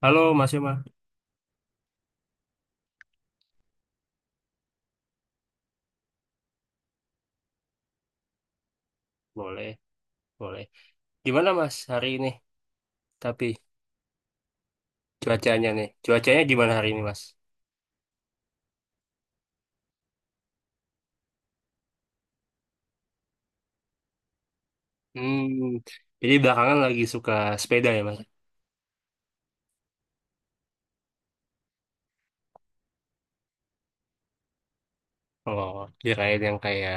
Halo Mas Yoma, boleh, boleh. Gimana Mas hari ini? Tapi cuacanya nih, cuacanya gimana hari ini Mas? Hmm, jadi belakangan lagi suka sepeda ya Mas? Oh, kirain yang kayak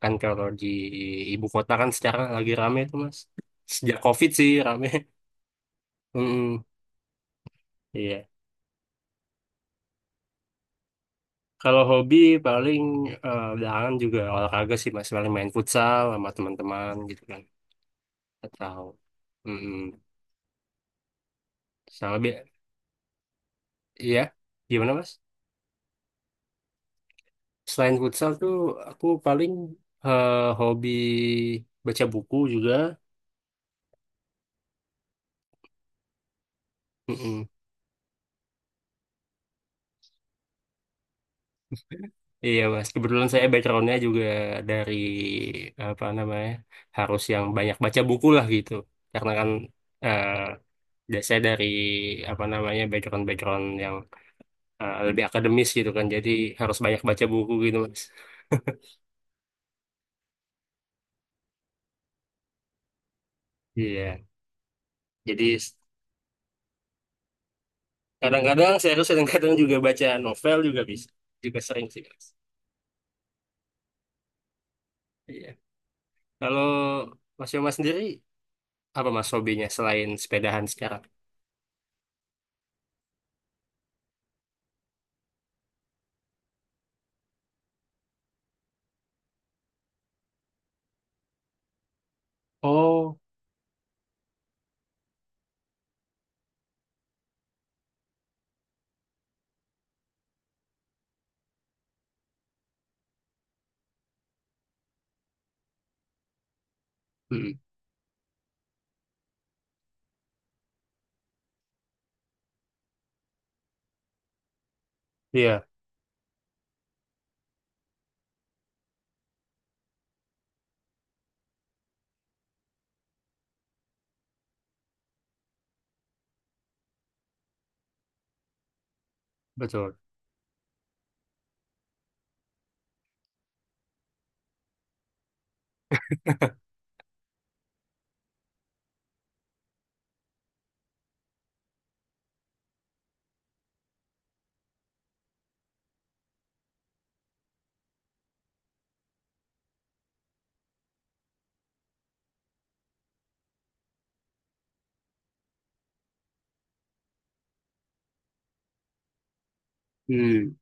kan kalau di ibu kota kan sekarang lagi rame tuh Mas. Sejak COVID sih rame. Hmm, iya. Kalau hobi paling belakangan juga olahraga sih Mas, paling main futsal sama teman-teman gitu kan. Atau, hmm, sama bi- iya, gimana Mas? Selain futsal tuh aku paling eh, hobi baca buku juga. Mm-mm. Iya mas, kebetulan saya backgroundnya juga dari apa namanya harus yang banyak baca buku lah gitu. Karena kan eh, saya dari apa namanya background background yang lebih akademis gitu kan, jadi harus banyak baca buku gitu mas. Iya, jadi s- kadang-kadang serius, kadang-kadang juga baca novel juga bisa, juga sering sih mas. Iya. Kalau Mas Yoma sendiri apa mas hobinya selain sepedahan sekarang? Oh, hmm, iya betul. Hmm.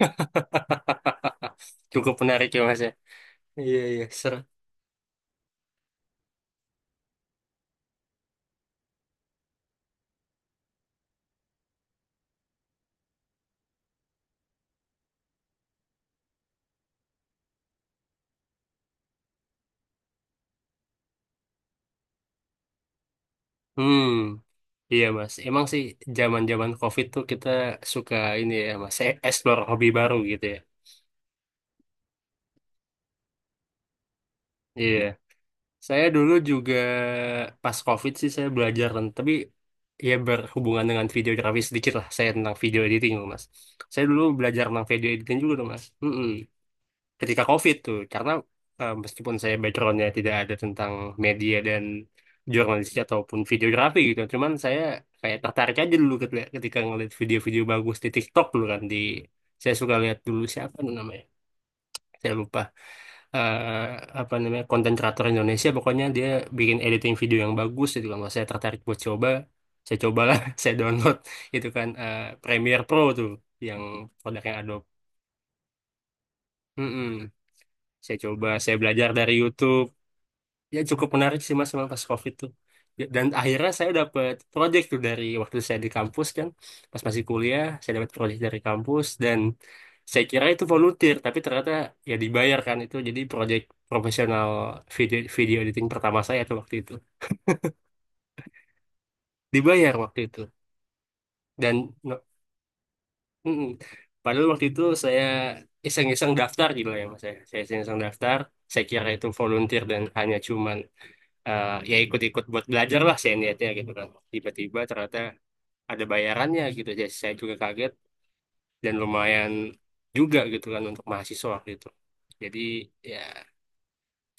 Cukup menarik ya mas ya. Iya iya seru. Hmm, iya mas. Emang sih zaman-zaman COVID tuh kita suka ini ya mas, explore hobi baru gitu ya. Iya. Saya dulu juga pas COVID sih saya belajar tapi ya berhubungan dengan videografi sedikit lah. Saya tentang video editing loh mas. Saya dulu belajar tentang video editing juga tuh mas. Hmm. Ketika COVID tuh karena meskipun saya backgroundnya tidak ada tentang media dan jurnalistik ataupun videografi gitu cuman saya kayak tertarik aja dulu ketika ngeliat video-video bagus di TikTok dulu kan di saya suka lihat dulu siapa tuh namanya saya lupa. Eh, Apa namanya konten kreator Indonesia pokoknya dia bikin editing video yang bagus gitu kan. Wah, saya tertarik buat coba, saya cobalah saya download itu kan Premiere Pro tuh yang produknya Adobe. Mm-mm. Saya coba, saya belajar dari YouTube, ya cukup menarik sih mas memang pas COVID tuh. Ya, dan akhirnya saya dapat proyek tuh dari waktu saya di kampus kan pas masih kuliah saya dapat proyek dari kampus dan saya kira itu volunteer tapi ternyata ya dibayar kan itu jadi proyek profesional video video editing pertama saya tuh waktu itu dibayar waktu itu dan no- mm-mm. Padahal waktu itu saya iseng-iseng daftar gitu lah ya mas ya saya iseng-iseng daftar saya kira itu volunteer dan hanya cuman ya ikut-ikut buat belajar lah saya niatnya gitu kan. Tiba-tiba ternyata ada bayarannya gitu. Jadi saya juga kaget dan lumayan juga gitu kan untuk mahasiswa gitu. Jadi ya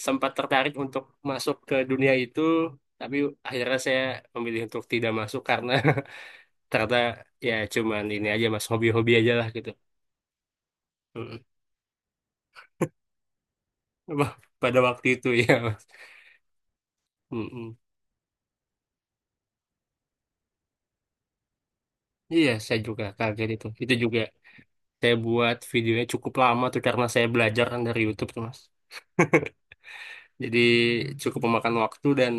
sempat tertarik untuk masuk ke dunia itu, tapi akhirnya saya memilih untuk tidak masuk karena ternyata ya cuman ini aja mas hobi-hobi aja lah gitu. Mm-mm. Wah, pada waktu itu ya. Mas. Mm-mm. Iya, saya juga kaget itu. Itu juga saya buat videonya cukup lama tuh karena saya belajar kan dari YouTube tuh, Mas. Jadi cukup memakan waktu dan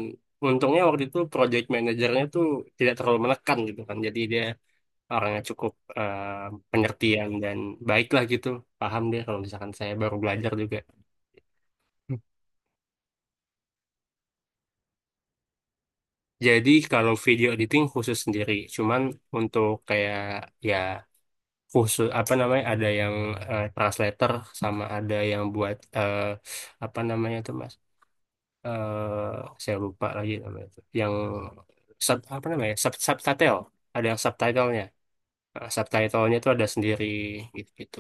untungnya waktu itu project manajernya tuh tidak terlalu menekan gitu kan. Jadi dia orangnya cukup eh, pengertian dan baik lah gitu. Paham dia kalau misalkan saya baru belajar juga. Jadi kalau video editing khusus sendiri, cuman untuk kayak ya khusus apa namanya ada yang translator sama ada yang buat apa namanya tuh Mas eh saya lupa lagi namanya itu. Yang sub, apa namanya? Sub, subtitle. Ada yang subtitlenya. Nah, subtitlenya itu ada sendiri gitu gitu.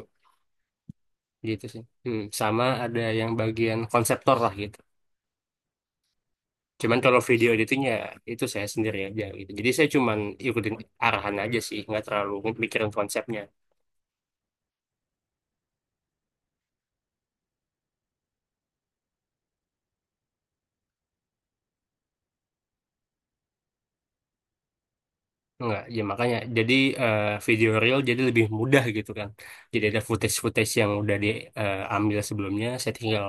Gitu sih. Hmm, sama ada yang bagian konseptor lah gitu. Cuman kalau video editingnya itu saya sendiri aja gitu. Jadi saya cuman ikutin arahan aja sih, nggak terlalu mikirin konsepnya. Nggak ya makanya jadi eh, video reel jadi lebih mudah gitu kan. Jadi ada footage-footage yang udah diambil sebelumnya, saya tinggal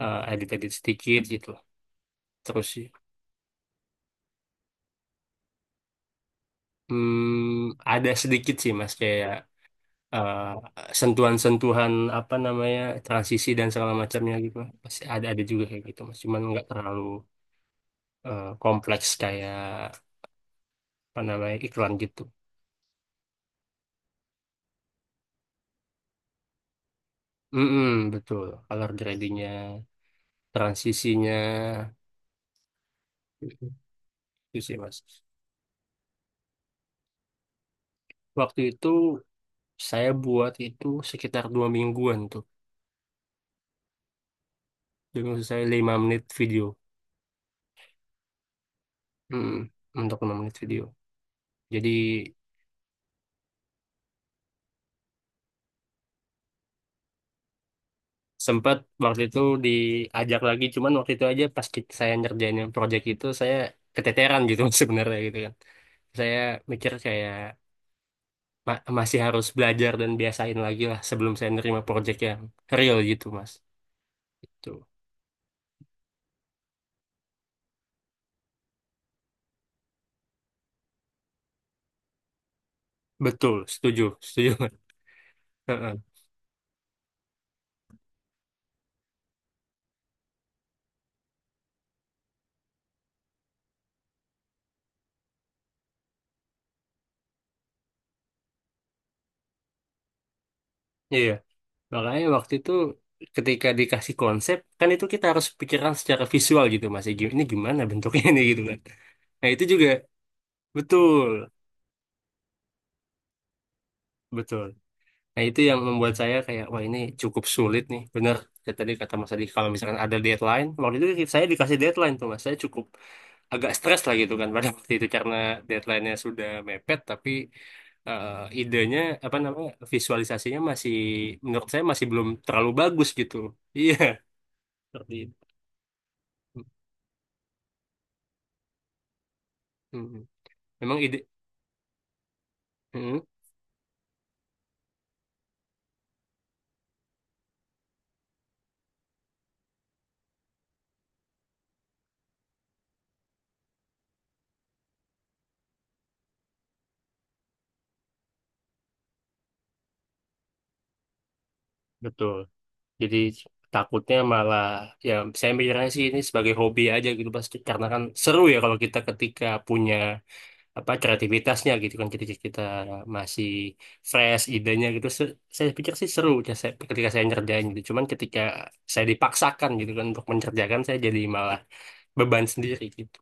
edit-edit sedikit gitu. Terus sih hmm, ada sedikit sih mas kayak eh, sentuhan-sentuhan apa namanya transisi dan segala macamnya gitu pasti ada juga kayak gitu mas cuman nggak terlalu kompleks kayak apa namanya iklan gitu. Mm-mm, betul color gradingnya transisinya. Mm-mm. Itu sih mas waktu itu saya buat itu sekitar 2 mingguan tuh jadi maksud saya 5 menit video. Mm-mm, untuk 5 menit video jadi sempat waktu itu diajak lagi cuman waktu itu aja saya ngerjain yang project itu saya keteteran gitu sebenarnya gitu kan saya mikir kayak masih harus belajar dan biasain lagi lah sebelum saya nerima project yang real gitu mas itu. Betul setuju setuju. Heeh. Iya makanya waktu itu ketika dikasih konsep kan itu kita harus pikiran secara visual gitu mas ini gimana bentuknya ini gitu kan nah itu juga betul betul. Nah, itu yang membuat saya kayak, wah ini cukup sulit nih. Bener, kayak tadi kata Mas Adi, kalau misalkan ada deadline, waktu itu saya dikasih deadline tuh Mas, saya cukup agak stres lah gitu kan pada waktu itu karena deadline-nya sudah mepet, tapi eh, idenya, apa namanya, visualisasinya masih, menurut saya masih belum terlalu bagus gitu. Iya, seperti itu. Mm. Memang ide, mm, betul. Jadi takutnya malah ya saya mikirnya sih ini sebagai hobi aja gitu Mas karena kan seru ya kalau kita ketika punya apa kreativitasnya gitu kan ketika kita masih fresh idenya gitu. Saya pikir sih seru ya, ketika saya ngerjain gitu cuman ketika saya dipaksakan gitu kan untuk mengerjakan saya jadi malah beban sendiri gitu.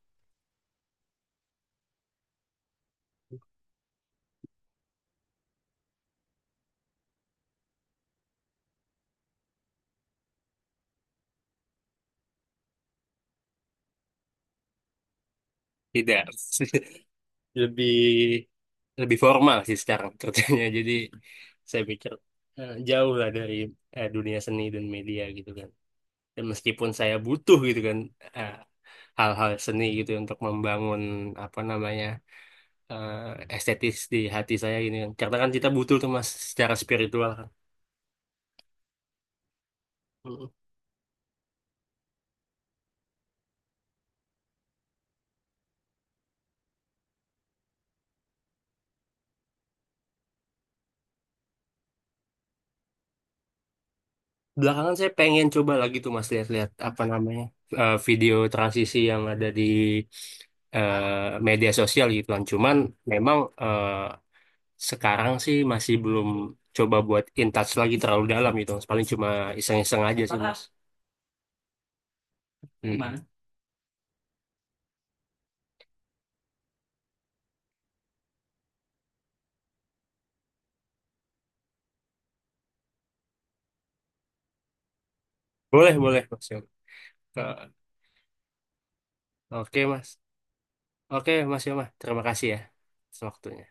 Tidak. Lebih lebih formal sih sekarang kerjanya. Jadi saya pikir jauh lah dari dunia seni dan media gitu kan dan meskipun saya butuh gitu kan eh, hal-hal seni gitu untuk membangun apa namanya eh, estetis di hati saya ini, kan. Karena kan kita butuh tuh mas secara spiritual kan. Mm. Belakangan saya pengen coba lagi tuh mas lihat-lihat apa namanya video transisi yang ada di media sosial gitu kan. Cuman memang sekarang sih masih belum coba buat in touch lagi terlalu dalam gitu mas. Paling cuma iseng-iseng aja sih mas. Mm. Boleh boleh mas Yoma. Eh, oke mas. Oke mas Yoma. Terima kasih ya atas waktunya.